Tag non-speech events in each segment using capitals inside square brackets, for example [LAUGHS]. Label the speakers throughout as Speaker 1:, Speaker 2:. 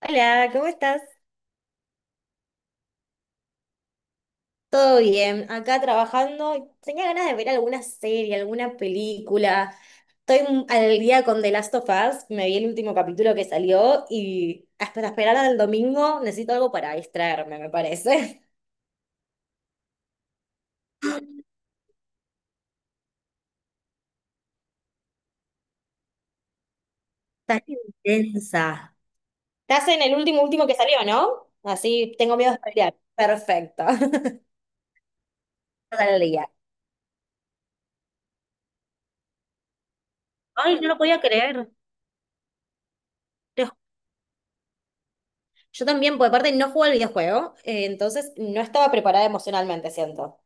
Speaker 1: Hola, ¿cómo estás? Todo bien, acá trabajando. Tenía ganas de ver alguna serie, alguna película. Estoy al día con The Last of Us, me vi el último capítulo que salió y hasta esperar al domingo necesito algo para distraerme, me parece. [LAUGHS] Tan intensa. Estás en el último que salió, ¿no? Así tengo miedo de spoilear. Perfecto. [LAUGHS] Estás al día. Ay, no lo podía creer. Te ju- Yo también, por aparte no jugué al videojuego, entonces no estaba preparada emocionalmente, siento.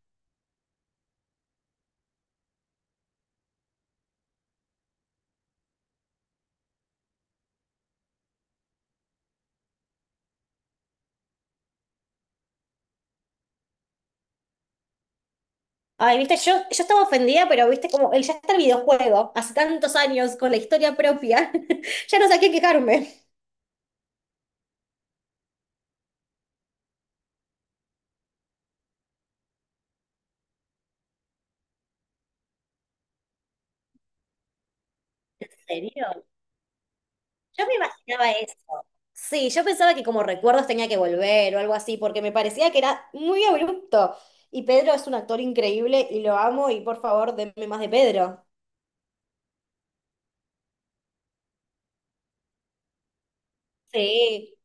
Speaker 1: Ay, viste, yo estaba ofendida, pero viste, como el ya está el videojuego, hace tantos años, con la historia propia, [LAUGHS] ya no sabía qué quejarme. ¿En serio? Yo me imaginaba eso. Sí, yo pensaba que como recuerdos tenía que volver o algo así, porque me parecía que era muy abrupto. Y Pedro es un actor increíble y lo amo y por favor, denme más de Pedro. Sí.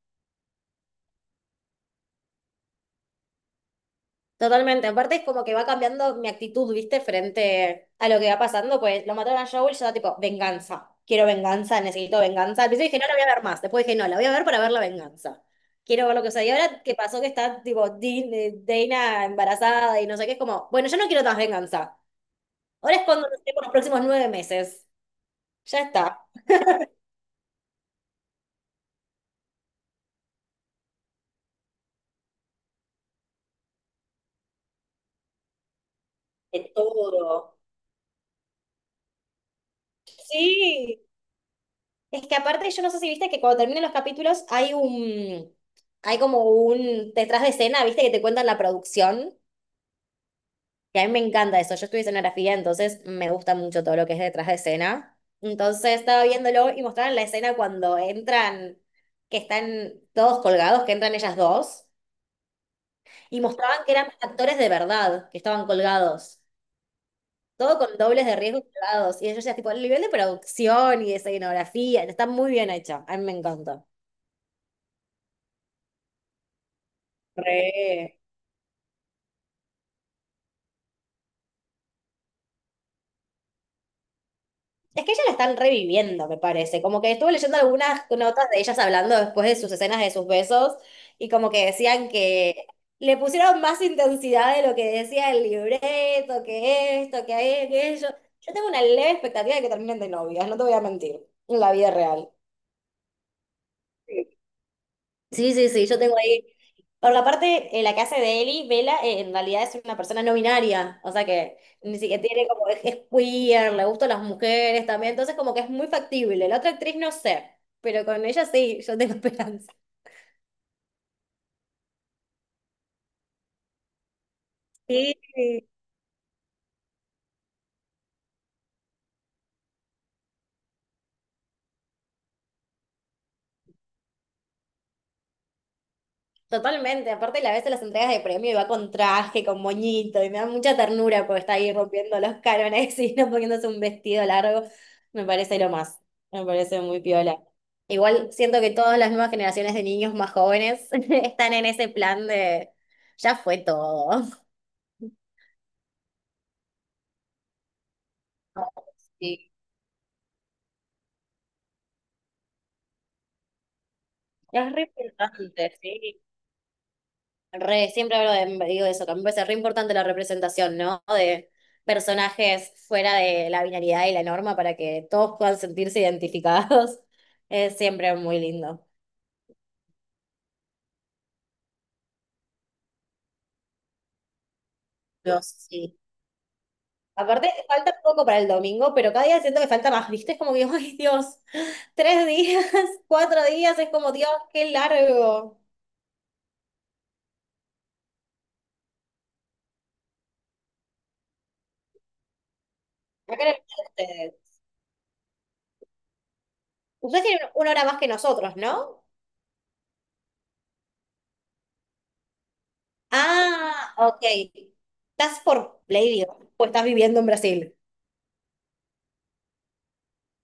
Speaker 1: Totalmente, aparte es como que va cambiando mi actitud, ¿viste? Frente a lo que va pasando, pues lo mataron a Joel, yo estaba tipo, venganza, quiero venganza, necesito venganza. Al principio dije, no la voy a ver más, después dije, no, la voy a ver para ver la venganza. Quiero ver lo que sucede. Y ahora que pasó que está tipo Dana embarazada y no sé qué, es como, bueno, yo no quiero más venganza. Ahora es cuando nos por los próximos nueve meses. Ya está. De todo. Sí. Es que aparte, yo no sé si viste que cuando terminan los capítulos hay hay como un detrás de escena, viste, que te cuentan la producción, que a mí me encanta eso. Yo estudié escenografía, entonces me gusta mucho todo lo que es detrás de escena. Entonces estaba viéndolo y mostraron la escena cuando entran, que están todos colgados, que entran ellas dos, y mostraban que eran actores de verdad, que estaban colgados. Todo con dobles de riesgo y colgados. Y yo ya, tipo, el nivel de producción y de escenografía, está muy bien hecho. A mí me encanta. Re. Es que ellas la están reviviendo, me parece. Como que estuve leyendo algunas notas de ellas hablando después de sus escenas de sus besos y como que decían que le pusieron más intensidad de lo que decía el libreto, que esto, que aquello. Yo tengo una leve expectativa de que terminen de novias, no te voy a mentir, en la vida real. Sí, sí, sí, yo tengo ahí. Por la parte la que hace de Eli, Vela, en realidad es una persona no binaria, o sea que ni siquiera tiene como, es queer, le gustan las mujeres también, entonces como que es muy factible. La otra actriz no sé, pero con ella sí, yo tengo [LAUGHS] esperanza. Sí. Totalmente, aparte la vez en las entregas de premio y va con traje, con moñito, y me da mucha ternura porque está ahí rompiendo los cánones [LAUGHS] y no poniéndose un vestido largo. Me parece lo más, me parece muy piola. Igual siento que todas las nuevas generaciones de niños más jóvenes [LAUGHS] están en ese plan de ya fue todo. Sí. Es re importante, sí. Re, siempre hablo de, digo eso, que a mí me parece re importante la representación, ¿no? De personajes fuera de la binaridad y la norma para que todos puedan sentirse identificados. [LAUGHS] Es siempre muy lindo. Dios, sí. Aparte, falta un poco para el domingo, pero cada día siento que falta más, ¿viste? Es como que, [LAUGHS] ay, Dios, tres días, [LAUGHS] cuatro días, es como, Dios, qué largo. Acá en el ustedes. Ustedes tienen una hora más que nosotros, ¿no? Ah, ok. ¿Estás por Play, o estás viviendo en Brasil?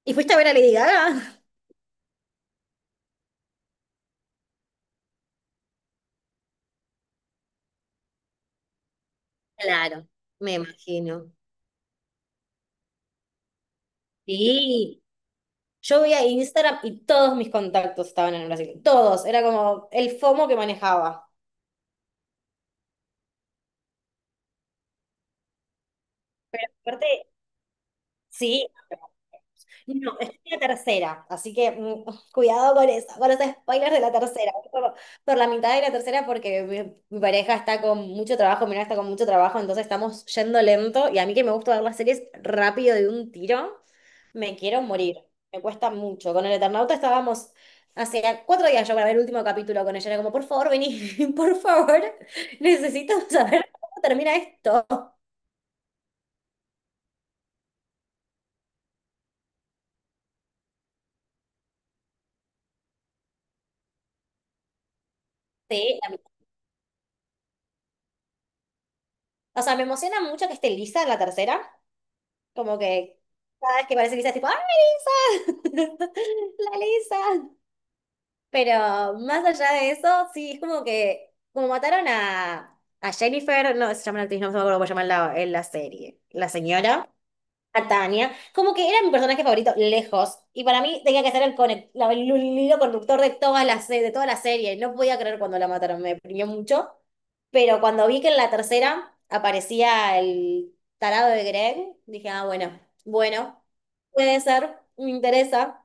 Speaker 1: ¿Y fuiste a ver a Lady Gaga? Claro, me imagino. Sí, yo veía Instagram y todos mis contactos estaban en Brasil. Todos. Era como el FOMO que manejaba. Pero aparte, sí, no, estoy en la tercera, así que cuidado con eso, con los spoilers de la tercera. Por la mitad de la tercera, porque mi pareja está con mucho trabajo, mi novia está con mucho trabajo, entonces estamos yendo lento. Y a mí que me gusta ver las series rápido de un tiro, me quiero morir. Me cuesta mucho. Con el Eternauta estábamos hace cuatro días yo grabé el último capítulo con ella. Era como, por favor, vení, [LAUGHS] por favor, necesito saber cómo termina esto. Sí, la- o sea, me emociona mucho que esté Lisa en la tercera. Como que cada vez que parece Lisa es tipo, ¡ay, Lisa! [LAUGHS] ¡La Lisa! Pero más allá de eso, sí, es como que, como mataron a Jennifer, no se llama la actriz, no me acuerdo cómo se llama en en la serie, la señora a Tania, como que era mi personaje favorito lejos, y para mí tenía que ser el hilo conductor de toda de toda la serie, no podía creer cuando la mataron, me deprimió mucho, pero cuando vi que en la tercera aparecía el tarado de Greg, dije, ah, bueno, bueno, puede ser, me interesa,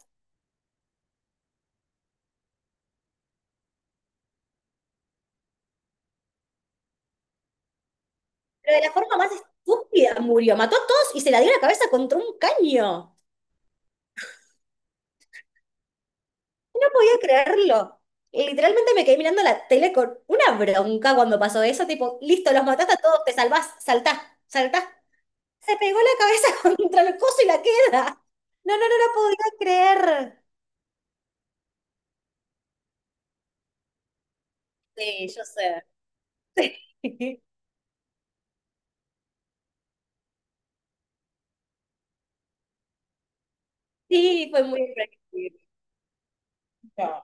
Speaker 1: pero de la forma más estúpida murió, mató a todos y se la dio en la cabeza contra un caño. No podía creerlo. Literalmente me quedé mirando la tele con una bronca cuando pasó eso, tipo, listo, los mataste a todos, te salvás, saltá, saltá. Se pegó la cabeza [LAUGHS] contra el coso y la queda. No, no, no la podía creer. Sí, yo sé. [LAUGHS] Sí, fue muy impredecible. No.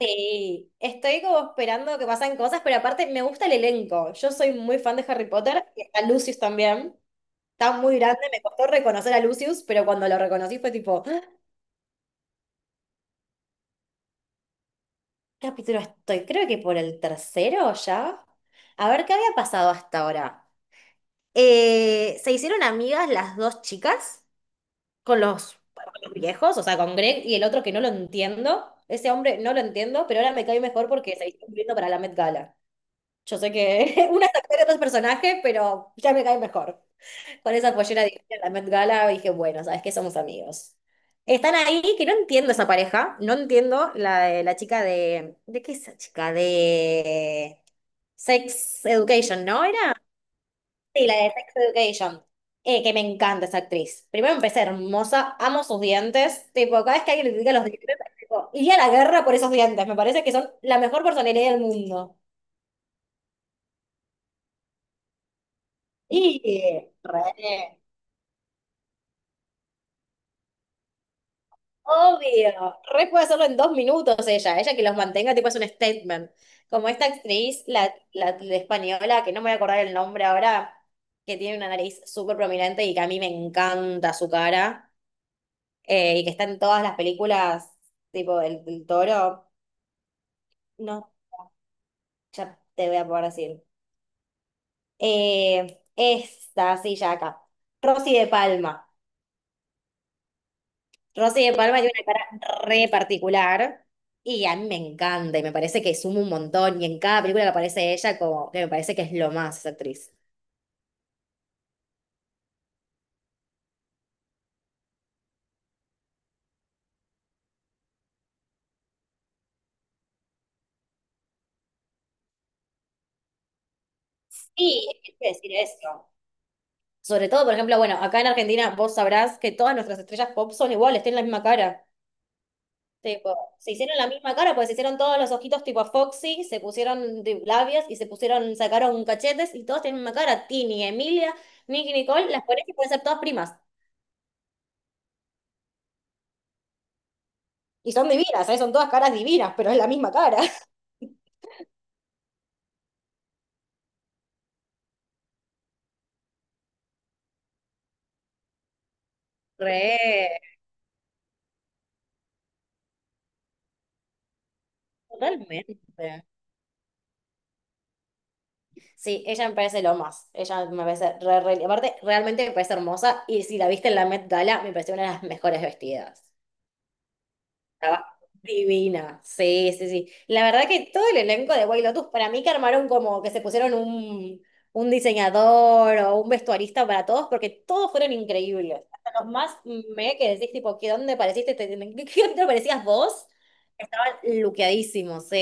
Speaker 1: Sí, estoy como esperando que pasen cosas, pero aparte me gusta el elenco. Yo soy muy fan de Harry Potter y está Lucius también. Está muy grande, me costó reconocer a Lucius, pero cuando lo reconocí fue tipo, ¡ah! ¿Capítulo estoy? Creo que por el tercero ya. A ver, ¿qué había pasado hasta ahora? Se hicieron amigas las dos chicas con con los viejos, o sea, con Greg y el otro que no lo entiendo. Ese hombre no lo entiendo, pero ahora me cae mejor porque se hizo viendo para la Met Gala. Yo sé que [LAUGHS] una es actor y otro es personaje, pero ya me cae mejor. Con esa pollera divina en la Met Gala dije, bueno, ¿sabes qué? Somos amigos. Están ahí, que no entiendo esa pareja, no entiendo la de la chica de... ¿De qué es esa chica? De Sex Education, ¿no era? Sí, la de Sex Education. Que me encanta esa actriz. Primero empecé hermosa, amo sus dientes. Tipo, cada vez que alguien le critica los dientes, tipo, iría a la guerra por esos dientes. Me parece que son la mejor personalidad del mundo. Y... Re. Obvio, re puede hacerlo en dos minutos ella, ella que los mantenga tipo es un statement. Como esta actriz, la española, que no me voy a acordar el nombre ahora, que tiene una nariz súper prominente y que a mí me encanta su cara, y que está en todas las películas, tipo el Toro, no, ya te voy a poder decir. Esta, sí, ya acá. Rosy de Palma. Rosy de Palma tiene una cara re particular y a mí me encanta y me parece que suma un montón y en cada película que aparece ella como que me parece que es lo más esa actriz. Sí, es que quiero decir eso. Sobre todo, por ejemplo, bueno, acá en Argentina vos sabrás que todas nuestras estrellas pop son iguales, tienen la misma cara. Tipo, se hicieron la misma cara, pues se hicieron todos los ojitos tipo Foxy, se pusieron labios y se pusieron, sacaron cachetes y todos tienen la misma cara. Tini, Emilia, Nicky, Nicole, las pones y pueden ser todas primas. Y son divinas, ¿eh? Son todas caras divinas, pero es la misma cara. Re, totalmente. Sí, ella me parece lo más. Ella me parece Aparte, realmente me parece hermosa. Y si la viste en la Met Gala, me pareció una de las mejores vestidas. Estaba divina. Sí, sí, sí. La verdad que todo el elenco de White Lotus, para mí que armaron como que se pusieron un diseñador o un vestuarista para todos, porque todos fueron increíbles. Hasta los más me que decís, tipo, ¿qué dónde pareciste? ¿ qué dónde parecías vos? Estaban luqueadísimos, sí.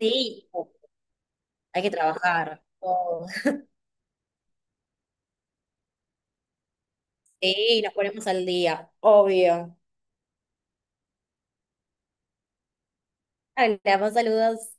Speaker 1: Sí. Hay que trabajar. Oh, sí, nos ponemos al día, obvio. Hola, más saludos.